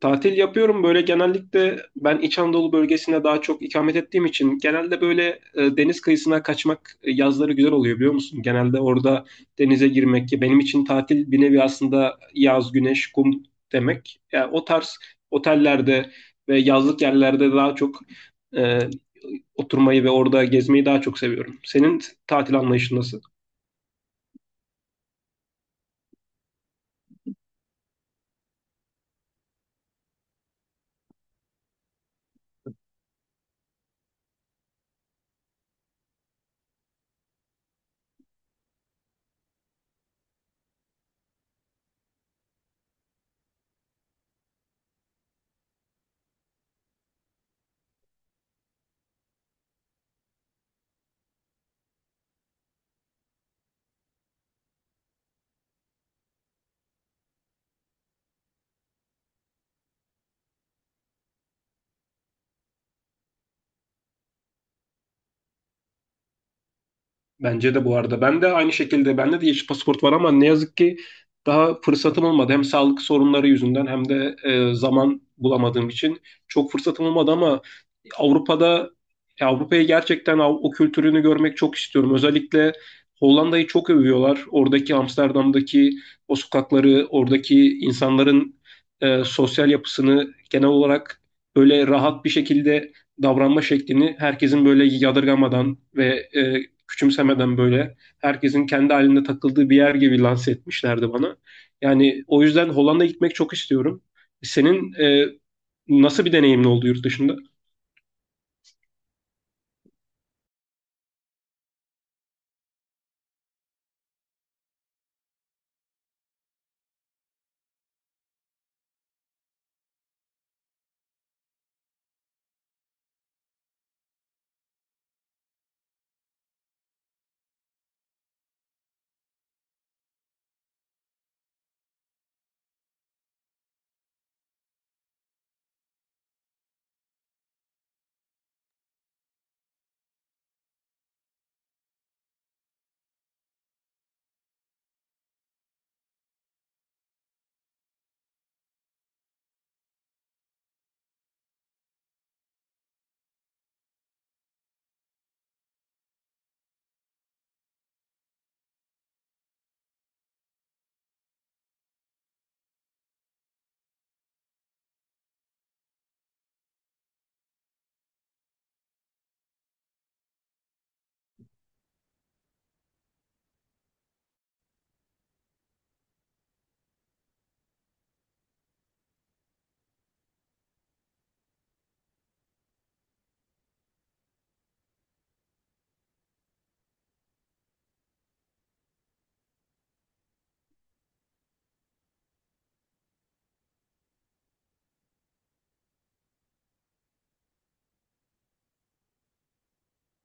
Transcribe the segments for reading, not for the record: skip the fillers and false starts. Tatil yapıyorum, böyle genellikle ben İç Anadolu bölgesinde daha çok ikamet ettiğim için genelde böyle deniz kıyısına kaçmak yazları güzel oluyor, biliyor musun? Genelde orada denize girmek, ki benim için tatil bir nevi aslında yaz, güneş, kum demek. Yani o tarz otellerde ve yazlık yerlerde daha çok e, oturmayı ve orada gezmeyi daha çok seviyorum. Senin tatil anlayışın nasıl? Bence de, bu arada. Ben de aynı şekilde, bende de yeşil pasaport var ama ne yazık ki daha fırsatım olmadı. Hem sağlık sorunları yüzünden hem de zaman bulamadığım için çok fırsatım olmadı ama Avrupa'da, Avrupa'ya gerçekten o kültürünü görmek çok istiyorum. Özellikle Hollanda'yı çok övüyorlar. Oradaki Amsterdam'daki o sokakları, oradaki insanların sosyal yapısını, genel olarak böyle rahat bir şekilde davranma şeklini, herkesin böyle yadırgamadan ve e, küçümsemeden, böyle herkesin kendi halinde takıldığı bir yer gibi lanse etmişlerdi bana. Yani o yüzden Hollanda'ya gitmek çok istiyorum. Senin nasıl bir deneyimin oldu yurt dışında?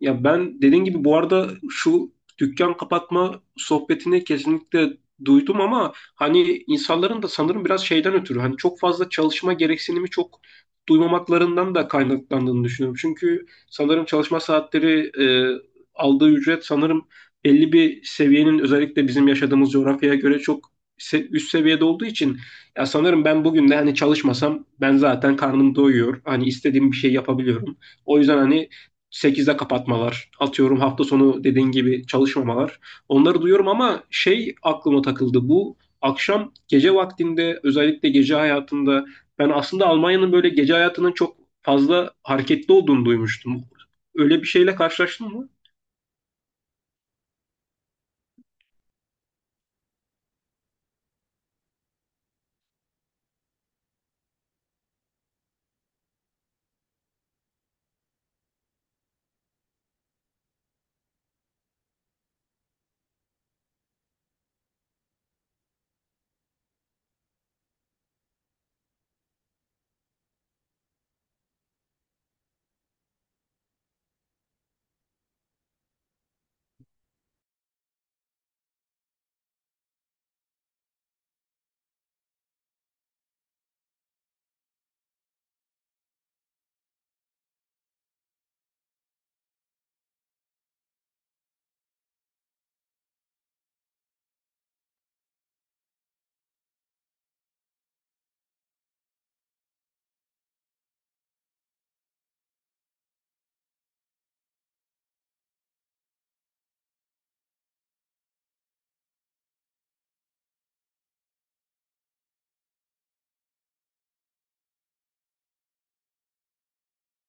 Ya ben dediğin gibi, bu arada şu dükkan kapatma sohbetini kesinlikle duydum ama hani insanların da sanırım biraz şeyden ötürü, hani çok fazla çalışma gereksinimi çok duymamaklarından da kaynaklandığını düşünüyorum. Çünkü sanırım çalışma saatleri, aldığı ücret sanırım belli bir seviyenin, özellikle bizim yaşadığımız coğrafyaya göre çok üst seviyede olduğu için, ya sanırım ben bugün de hani çalışmasam ben zaten karnım doyuyor. Hani istediğim bir şey yapabiliyorum. O yüzden hani 8'de kapatmalar, atıyorum hafta sonu dediğin gibi çalışmamalar. Onları duyuyorum ama şey aklıma takıldı. Bu akşam gece vaktinde, özellikle gece hayatında, ben aslında Almanya'nın böyle gece hayatının çok fazla hareketli olduğunu duymuştum. Öyle bir şeyle karşılaştın mı?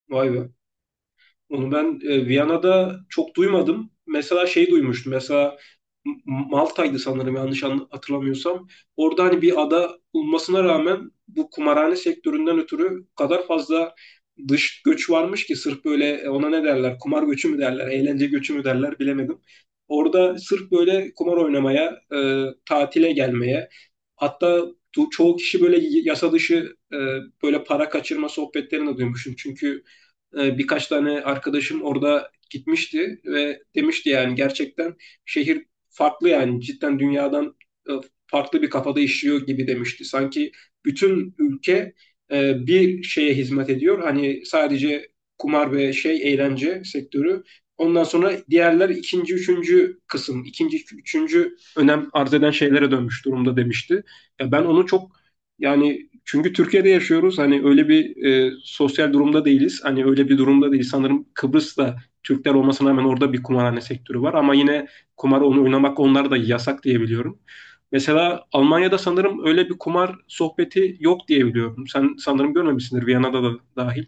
Vay be. Onu ben Viyana'da çok duymadım. Mesela şey duymuştum. Mesela Malta'ydı sanırım, yanlış hatırlamıyorsam. Orada hani bir ada olmasına rağmen, bu kumarhane sektöründen ötürü o kadar fazla dış göç varmış ki sırf böyle, ona ne derler? Kumar göçü mü derler? Eğlence göçü mü derler? Bilemedim. Orada sırf böyle kumar oynamaya, tatile gelmeye, hatta çoğu kişi böyle yasa dışı böyle para kaçırma sohbetlerini de duymuşum. Çünkü birkaç tane arkadaşım orada gitmişti ve demişti yani gerçekten şehir farklı, yani cidden dünyadan e, farklı bir kafada işliyor gibi demişti. Sanki bütün ülke bir şeye hizmet ediyor. Hani sadece kumar ve şey eğlence sektörü. Ondan sonra diğerler ikinci, üçüncü kısım, ikinci, üçüncü önem arz eden şeylere dönmüş durumda demişti. Ya ben onu çok, yani çünkü Türkiye'de yaşıyoruz. Hani öyle bir sosyal durumda değiliz. Hani öyle bir durumda değil. Sanırım Kıbrıs'ta Türkler olmasına rağmen orada bir kumarhane sektörü var. Ama yine kumar, onu oynamak onlar da yasak diye biliyorum. Mesela Almanya'da sanırım öyle bir kumar sohbeti yok diye biliyorum. Sen sanırım görmemişsindir, Viyana'da da dahil.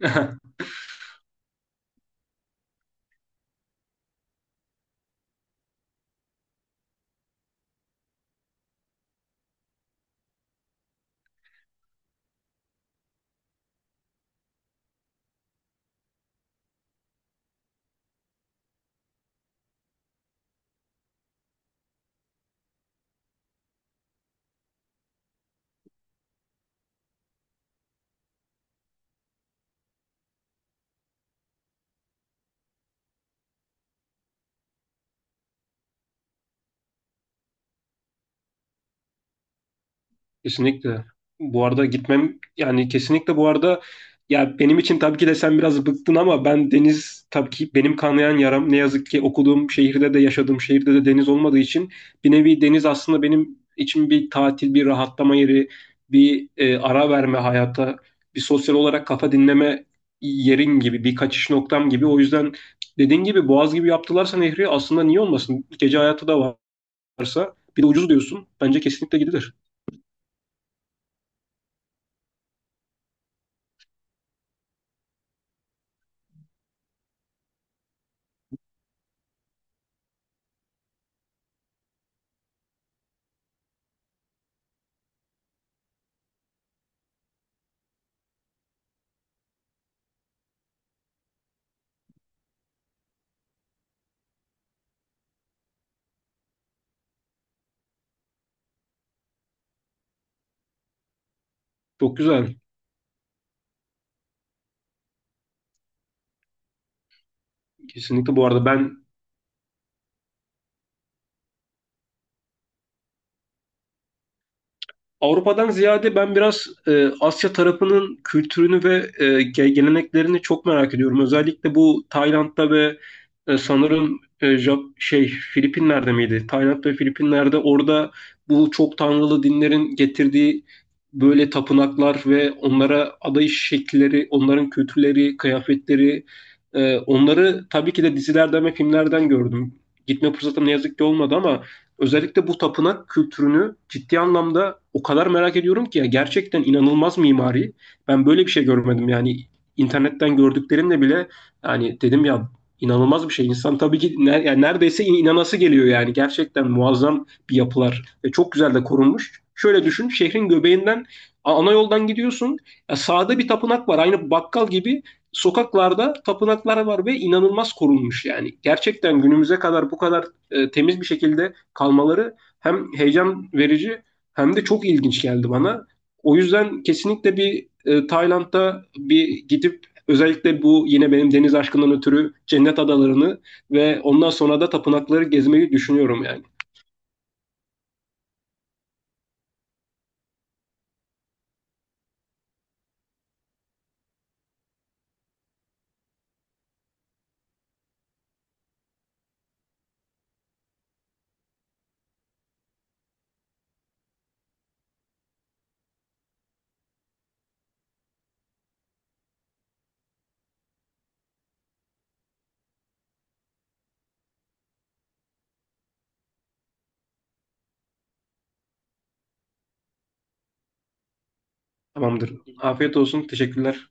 Kesinlikle. Bu arada gitmem, yani kesinlikle bu arada, ya benim için tabii ki de sen biraz bıktın ama ben deniz, tabii ki benim kanayan yaram, ne yazık ki okuduğum şehirde de yaşadığım şehirde de deniz olmadığı için, bir nevi deniz aslında benim için bir tatil, bir rahatlama yeri, bir ara verme hayata, bir sosyal olarak kafa dinleme yerin gibi, bir kaçış noktam gibi. O yüzden dediğin gibi, Boğaz gibi yaptılarsa nehri aslında, niye olmasın? Gece hayatı da varsa, bir de ucuz diyorsun. Bence kesinlikle gidilir. Çok güzel. Kesinlikle bu arada ben, Avrupa'dan ziyade ben biraz Asya tarafının kültürünü ve geleneklerini çok merak ediyorum. Özellikle bu Tayland'da ve sanırım Filipinler'de miydi? Tayland ve Filipinler'de, orada bu çok tanrılı dinlerin getirdiği böyle tapınaklar ve onlara adayış şekilleri, onların kültürleri, kıyafetleri, onları tabii ki de dizilerden ve filmlerden gördüm. Gitme fırsatım ne yazık ki olmadı ama özellikle bu tapınak kültürünü ciddi anlamda o kadar merak ediyorum ki, gerçekten inanılmaz mimari. Ben böyle bir şey görmedim yani, internetten gördüklerimle bile, yani dedim ya, inanılmaz bir şey. İnsan tabii ki yani neredeyse inanası geliyor, yani gerçekten muazzam bir yapılar ve çok güzel de korunmuş. Şöyle düşün, şehrin göbeğinden ana yoldan gidiyorsun. Ya sağda bir tapınak var, aynı bakkal gibi sokaklarda tapınaklar var ve inanılmaz korunmuş yani. Gerçekten günümüze kadar bu kadar temiz bir şekilde kalmaları hem heyecan verici hem de çok ilginç geldi bana. O yüzden kesinlikle bir Tayland'da bir gidip, özellikle bu yine benim deniz aşkından ötürü cennet adalarını ve ondan sonra da tapınakları gezmeyi düşünüyorum yani. Tamamdır. Afiyet olsun. Teşekkürler.